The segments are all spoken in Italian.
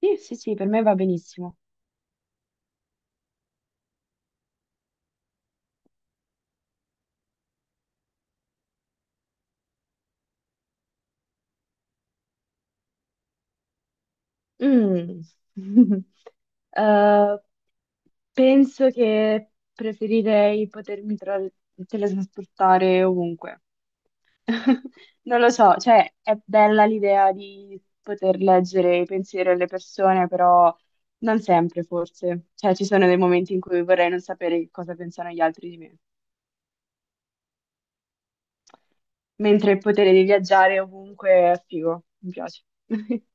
Sì, sì, sì, per me va benissimo. Mm. Eh, Penso che preferirei teletrasportare ovunque. Non lo so, cioè è bella l'idea di poter leggere i pensieri delle persone, però non sempre forse. Cioè ci sono dei momenti in cui vorrei non sapere che cosa pensano gli altri di me. Mentre il potere di viaggiare ovunque è figo, mi piace.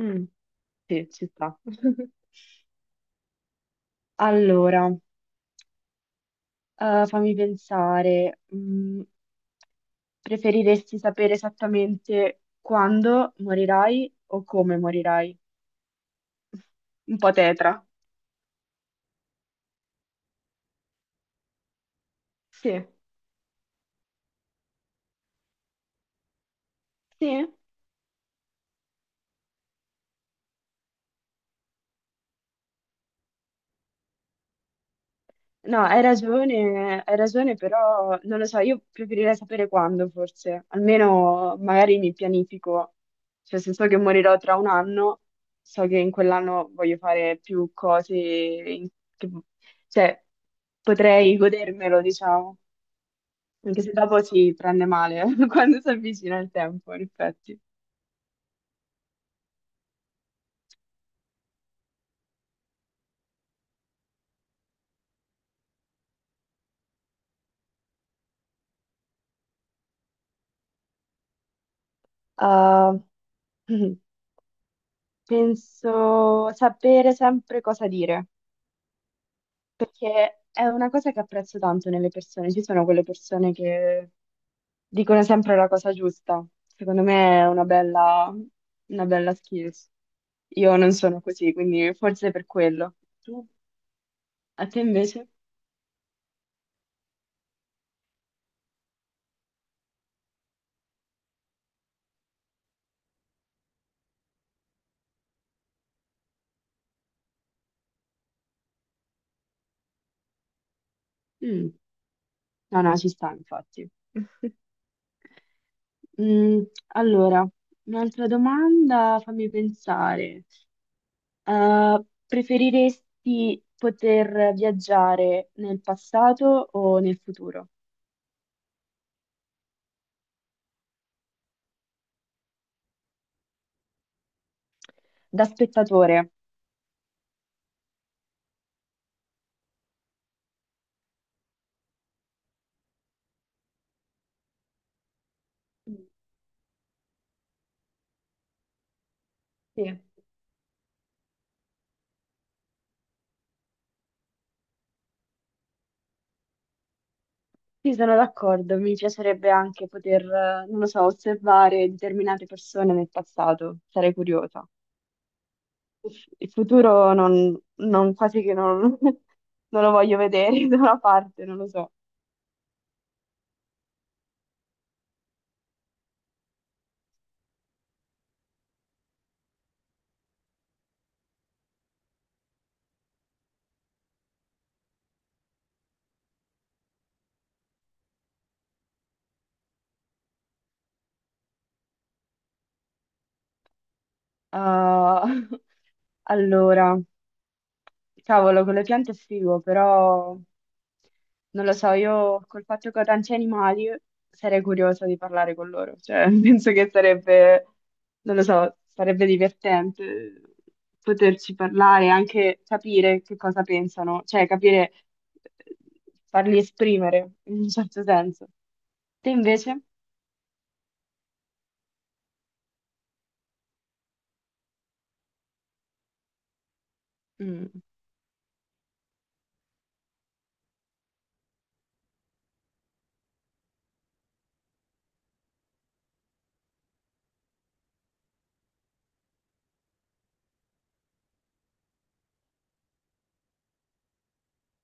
Mm, sì, ci sta. Allora, fammi pensare, preferiresti sapere esattamente quando morirai o come morirai? Un po' tetra. Sì, sì. No, hai ragione, però non lo so, io preferirei sapere quando forse, almeno magari mi pianifico, cioè se so che morirò tra un anno, so che in quell'anno voglio fare più cose, che- cioè potrei godermelo, diciamo, anche se dopo si prende male quando si avvicina il tempo, in effetti. Ah, penso sapere sempre cosa dire. Perché è una cosa che apprezzo tanto nelle persone. Ci sono quelle persone che dicono sempre la cosa giusta. Secondo me è una bella skills. Io non sono così, quindi forse per quello. Tu? A te invece? Mm. No, no, ci sta, infatti. Mm, allora, un'altra domanda, fammi pensare. Preferiresti poter viaggiare nel passato o nel futuro? Da spettatore. Sì, sì, sono d'accordo. Mi piacerebbe anche poter, non lo so, osservare determinate persone nel passato. Sarei curiosa. Il futuro quasi che non, non lo voglio vedere da una parte, non lo so. Ah, allora, cavolo, con le piante è figo, però non lo so, io col fatto che ho tanti animali sarei curiosa di parlare con loro, cioè penso che sarebbe, non lo so, sarebbe divertente poterci parlare, anche capire che cosa pensano, cioè capire, eh, farli esprimere in un certo senso. Te invece? Mm.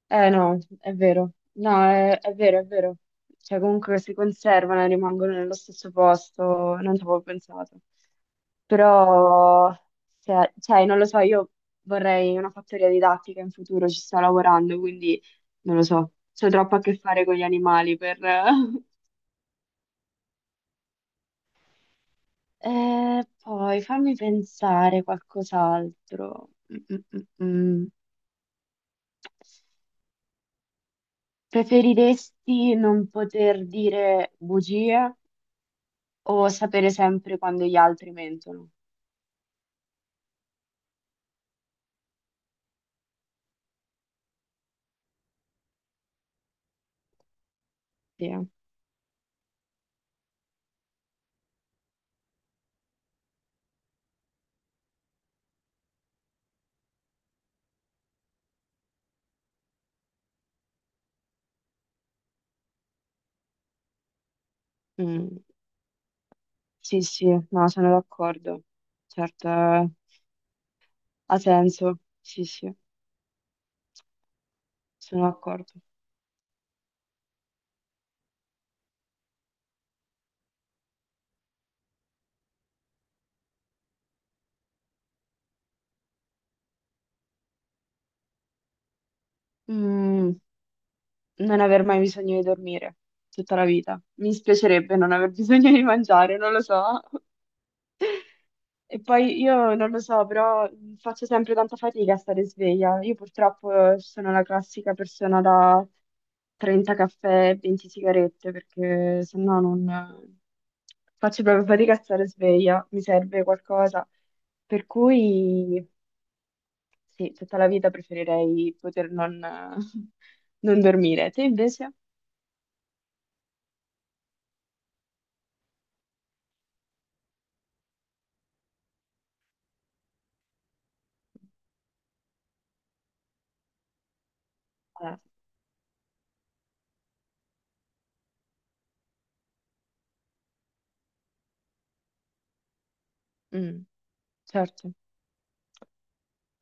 Eh no, è vero. No, è vero, è vero. Cioè, comunque si conservano e rimangono nello stesso posto, non ci avevo pensato. Però, cioè, non lo so, io vorrei una fattoria didattica in futuro, ci sto lavorando, quindi non lo so. C'ho troppo a che fare con gli animali per... poi fammi pensare qualcos'altro. Mm, mm, mm. Preferiresti non poter dire bugie o sapere sempre quando gli altri mentono? Sì, eh. Mm. Sì, sì, no, sono d'accordo. Certo, ha senso. Sì, sì, sono d'accordo. Mm, Non aver mai bisogno di dormire tutta la vita. Mi dispiacerebbe non aver bisogno di mangiare, non lo so. E poi io non lo so, però faccio sempre tanta fatica a stare sveglia. Io purtroppo sono la classica persona da 30 caffè e 20 sigarette, perché sennò non faccio proprio fatica a stare sveglia, mi serve qualcosa. Per cui sì, tutta la vita preferirei poter non, non dormire. Te invece? Eh, mm, certo.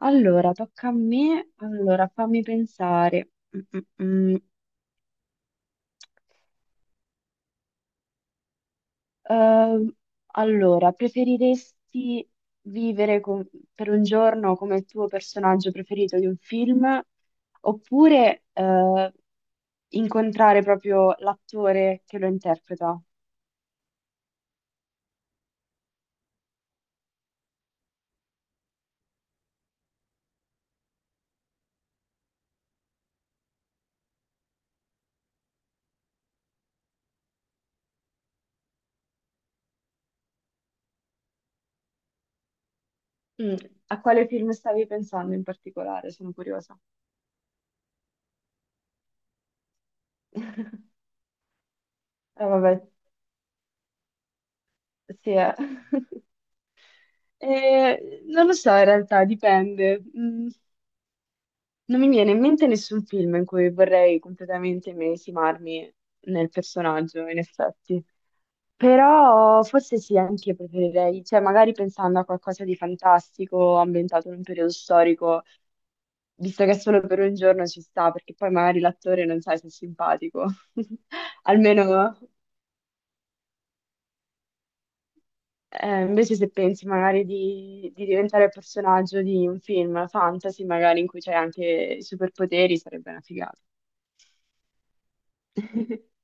Allora, tocca a me. Allora, fammi pensare. Mm, mm. Ehm, allora, preferiresti vivere con- per un giorno come il tuo personaggio preferito di un film, oppure incontrare proprio l'attore che lo interpreta? Mm, A quale film stavi pensando in particolare? Sono curiosa. Ah, vabbè, sì, eh. Non lo so, in realtà dipende. Mm. Non mi viene in mente nessun film in cui vorrei completamente immedesimarmi nel personaggio, in effetti. Però forse sì, anche io preferirei, cioè magari pensando a qualcosa di fantastico ambientato in un periodo storico, visto che solo per un giorno ci sta, perché poi magari l'attore non sai se è simpatico. Almeno, invece se pensi magari di diventare il personaggio di un film fantasy, magari in cui c'è anche i superpoteri, sarebbe una figata.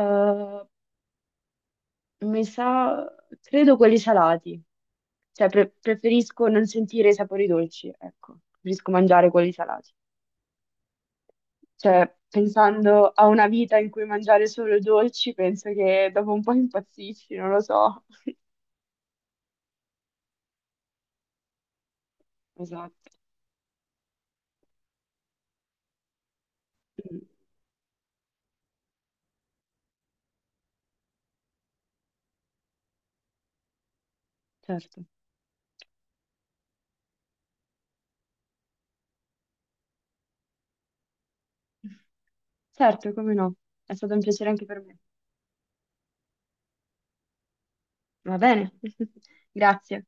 Eh, mi sa, credo quelli salati, cioè preferisco non sentire i sapori dolci, ecco, preferisco mangiare quelli salati. Cioè, pensando a una vita in cui mangiare solo dolci, penso che dopo un po' impazzisci, non lo so. Esatto. Mm, certo. Certo, come no. È stato un piacere anche per me. Va bene, grazie.